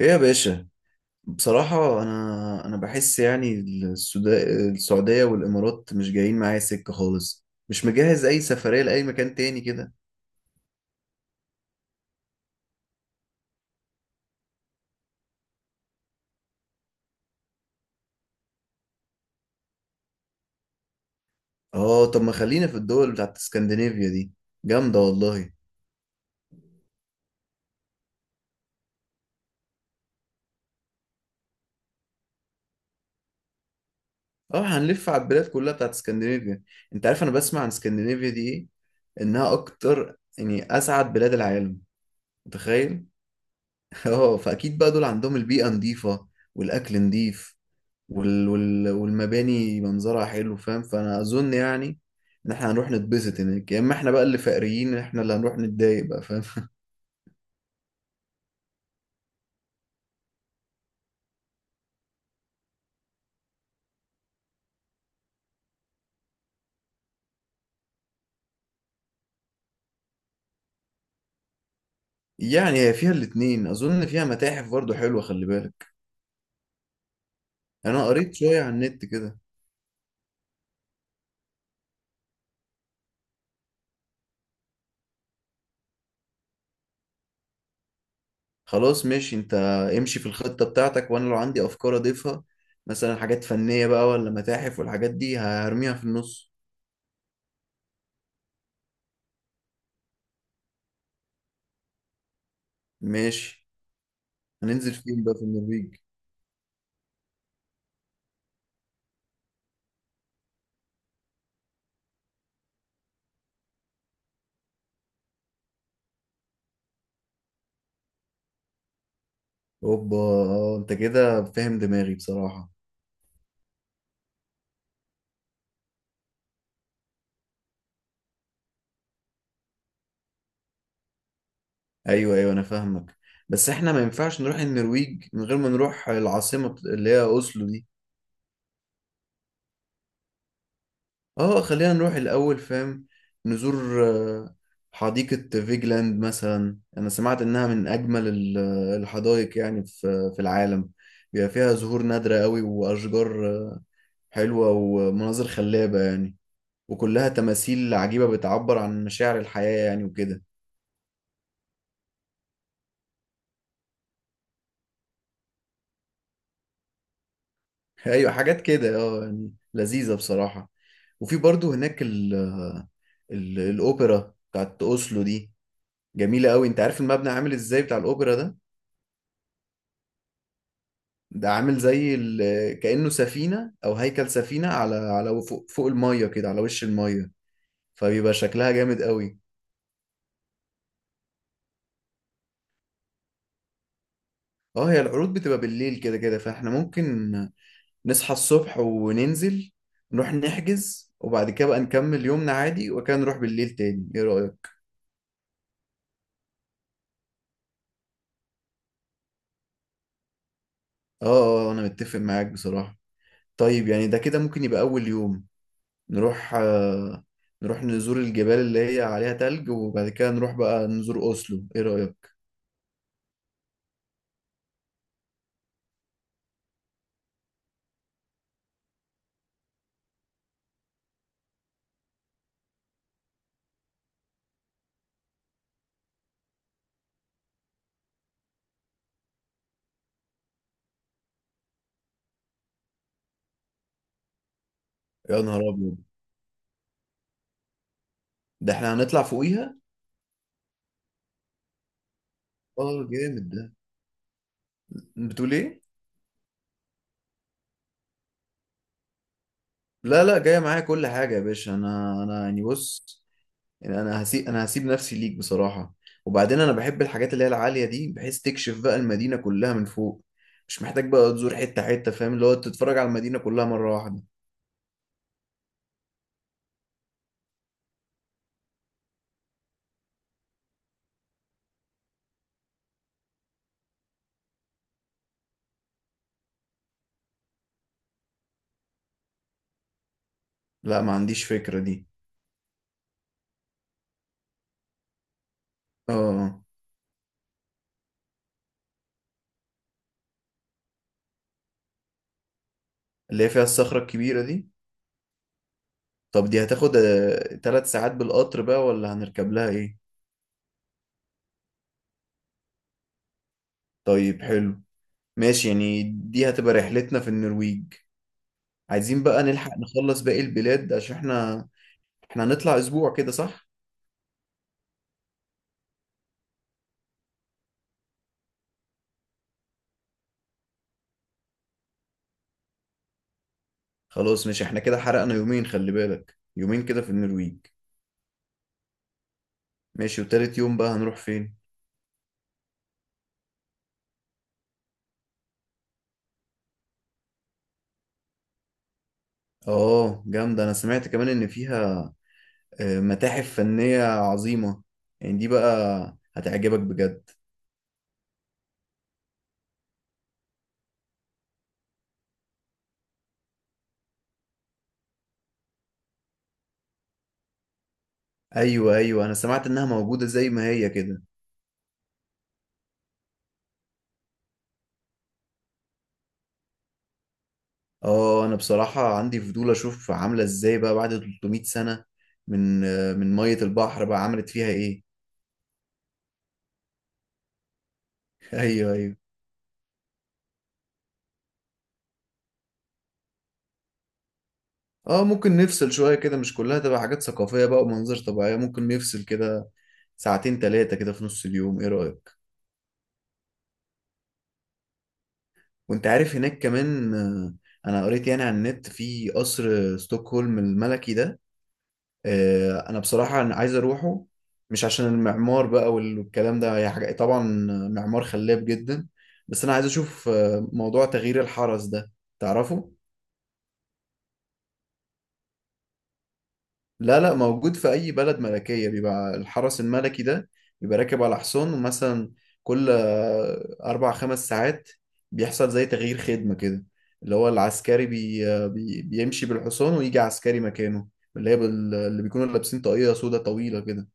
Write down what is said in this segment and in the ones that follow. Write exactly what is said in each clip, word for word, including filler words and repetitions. ايه يا باشا. بصراحة انا انا بحس يعني السودا- السعودية والامارات مش جايين معايا سكة خالص، مش مجهز اي سفرية لاي مكان تاني كده. اه طب ما خلينا في الدول بتاعت اسكندنافيا دي، جامدة والله. اه هنلف على البلاد كلها بتاعت اسكندنافيا. انت عارف انا بسمع عن اسكندنافيا دي ايه؟ انها اكتر يعني اسعد بلاد العالم، متخيل؟ اه فاكيد بقى دول عندهم البيئة نظيفة والاكل نظيف وال وال والمباني منظرها حلو، فاهم؟ فانا اظن يعني ان احنا هنروح نتبسط هناك، يا اما احنا بقى اللي فقريين احنا اللي هنروح نتضايق بقى، فاهم؟ يعني هي فيها الاتنين، اظن فيها متاحف برضو حلوة، خلي بالك، انا قريت شوية على النت كده. خلاص ماشي. انت امشي في الخطة بتاعتك وانا لو عندي افكار اضيفها، مثلا حاجات فنية بقى ولا متاحف والحاجات دي هرميها في النص. ماشي. هننزل فين بقى في النرويج؟ اوبا، آه، انت كده فاهم دماغي بصراحة. ايوه ايوه انا فاهمك. بس احنا ما ينفعش نروح النرويج من غير ما نروح العاصمة بت- اللي هي اوسلو دي. اه خلينا نروح الاول، فاهم؟ نزور آه، حديقة فيجلاند مثلا، انا سمعت انها من اجمل ال- الحدائق يعني في في العالم. بيبقى فيها زهور نادرة قوي واشجار آه، حلوة ومناظر خلابة يعني، وكلها تماثيل عجيبة بتعبر عن مشاعر الحياة يعني وكده. ايوه حاجات كده، اه يعني لذيذه بصراحه. وفي برضو هناك ال ال الاوبرا بتاعت اوسلو دي، جميله قوي. انت عارف المبنى عامل ازاي بتاع الاوبرا ده؟ ده عامل زي ال- كانه سفينه او هيكل سفينه على على فوق, فوق الميه كده، على وش الميه، فبيبقى شكلها جامد قوي. اه هي العروض بتبقى بالليل كده كده، فاحنا ممكن نصحى الصبح وننزل نروح نحجز، وبعد كده بقى نكمل يومنا عادي وكان نروح بالليل تاني، ايه رايك؟ اه اه، آه، انا متفق معاك بصراحه. طيب يعني ده كده ممكن يبقى أول يوم نروح آه، نروح نزور الجبال اللي هي عليها تلج، وبعد كده نروح بقى نزور أوسلو، إيه رأيك؟ يا نهار أبيض، ده إحنا هنطلع فوقيها؟ آه جامد ده. بتقول إيه؟ لا لا، جاية معايا كل حاجة يا باشا. أنا أنا يعني بص، يعني أنا هسيب أنا هسيب نفسي ليك بصراحة. وبعدين أنا بحب الحاجات اللي هي العالية دي، بحيث تكشف بقى المدينة كلها من فوق. مش محتاج بقى تزور حتة حتة، فاهم؟ اللي هو تتفرج على المدينة كلها مرة واحدة. لا ما عنديش فكرة دي. آه آه. اللي هي فيها الصخرة الكبيرة دي. طب دي هتاخد آه، تلات ساعات بالقطر بقى، ولا هنركب لها ايه؟ طيب حلو، ماشي. يعني دي هتبقى رحلتنا في النرويج. عايزين بقى نلحق نخلص باقي البلاد عشان احنا، احنا هنطلع اسبوع كده، صح؟ خلاص، مش احنا كده حرقنا يومين، خلي بالك، يومين كده في النرويج. ماشي. وتالت يوم بقى هنروح فين؟ اه جامدة، انا سمعت كمان ان فيها آه، متاحف فنية عظيمة، يعني دي بقى هتعجبك بجد. ايوه ايوه انا سمعت انها موجودة زي ما هي كده. اه انا بصراحة عندي فضول اشوف عاملة ازاي بقى بعد تلتمية سنة من من مية البحر بقى عملت فيها ايه. ايوه ايوه. اه ممكن نفصل شوية كده، مش كلها تبقى حاجات ثقافية بقى ومناظر طبيعية، ممكن نفصل كده ساعتين تلاتة كده في نص اليوم، ايه رأيك؟ وانت عارف هناك كمان، آه، انا قريت يعني على النت في قصر ستوكهولم الملكي ده. آه، انا بصراحه أنا عايز اروحه، مش عشان المعمار بقى وال- والكلام ده، هي حاجه طبعا معمار خلاب جدا، بس انا عايز اشوف آه، موضوع تغيير الحرس ده، تعرفه؟ لا لا، موجود في اي بلد ملكيه بيبقى الحرس الملكي ده. بيبقى راكب على حصان، ومثلا كل آه، اربع خمس ساعات بيحصل زي تغيير خدمه كده، اللي هو العسكري بي آه، بي بيمشي بالحصان ويجي عسكري مكانه، اللي هي بال- اللي بيكونوا لابسين طاقية سودا طويلة كده.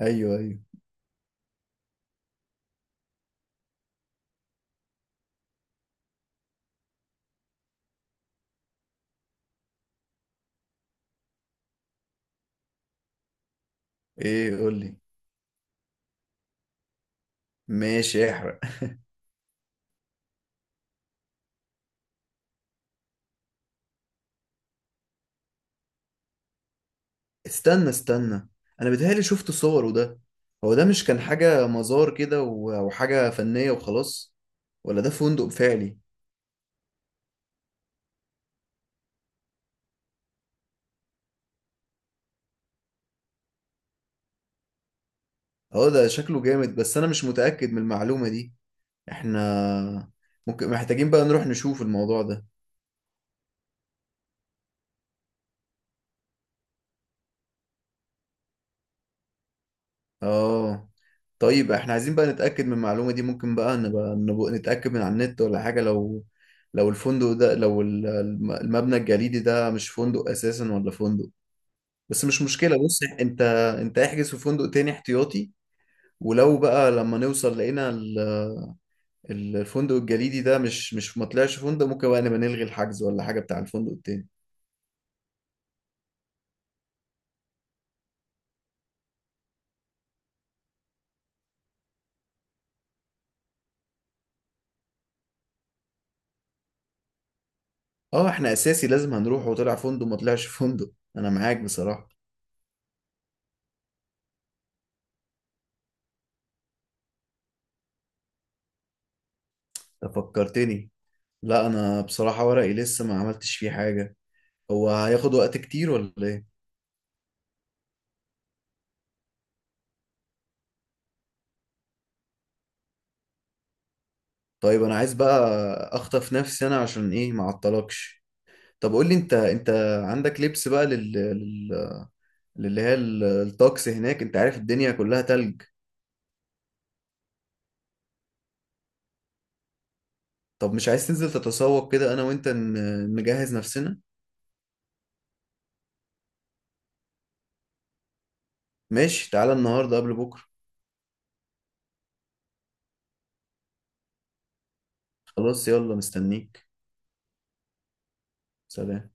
ايوه ايوه. ايه قول لي. ماشي احرق. استنى استنى، انا بيتهيألي شفت صوره ده. هو ده مش كان حاجة مزار كده و- وحاجة فنية وخلاص، ولا ده فندق فعلي؟ اه ده شكله جامد، بس انا مش متأكد من المعلومة دي. احنا ممكن محتاجين بقى نروح نشوف الموضوع ده. اه طيب احنا عايزين بقى نتأكد من المعلومة دي، ممكن بقى نبقى نبقى نتأكد من على النت ولا حاجة، لو لو الفندق ده، لو ال- الم- المبنى الجليدي ده مش فندق اساسا ولا فندق. بس مش مشكلة، بص انت، انت احجز في فندق تاني احتياطي، ولو بقى لما نوصل لقينا ال- ال- الفندق الجليدي ده مش مش ما طلعش فندق، ممكن بقى نبقى نلغي الحجز ولا حاجة بتاع الفندق التاني. اه احنا اساسي لازم هنروح، وطلع فندق ما طلعش فندق، انا معاك بصراحة. انت فكرتني. لا انا بصراحة ورقي لسه ما عملتش فيه حاجة، هو هياخد وقت كتير ولا ايه؟ طيب انا عايز بقى اخطف نفسي انا عشان ايه ما اعطلكش. طب قول لي، انت انت عندك لبس بقى لل... اللي هي ال- الطقس هناك، انت عارف الدنيا كلها تلج. طب مش عايز تنزل تتسوق كده انا وانت ن- نجهز نفسنا؟ ماشي، تعالى النهارده قبل بكره. خلاص يلا مستنيك. سلام.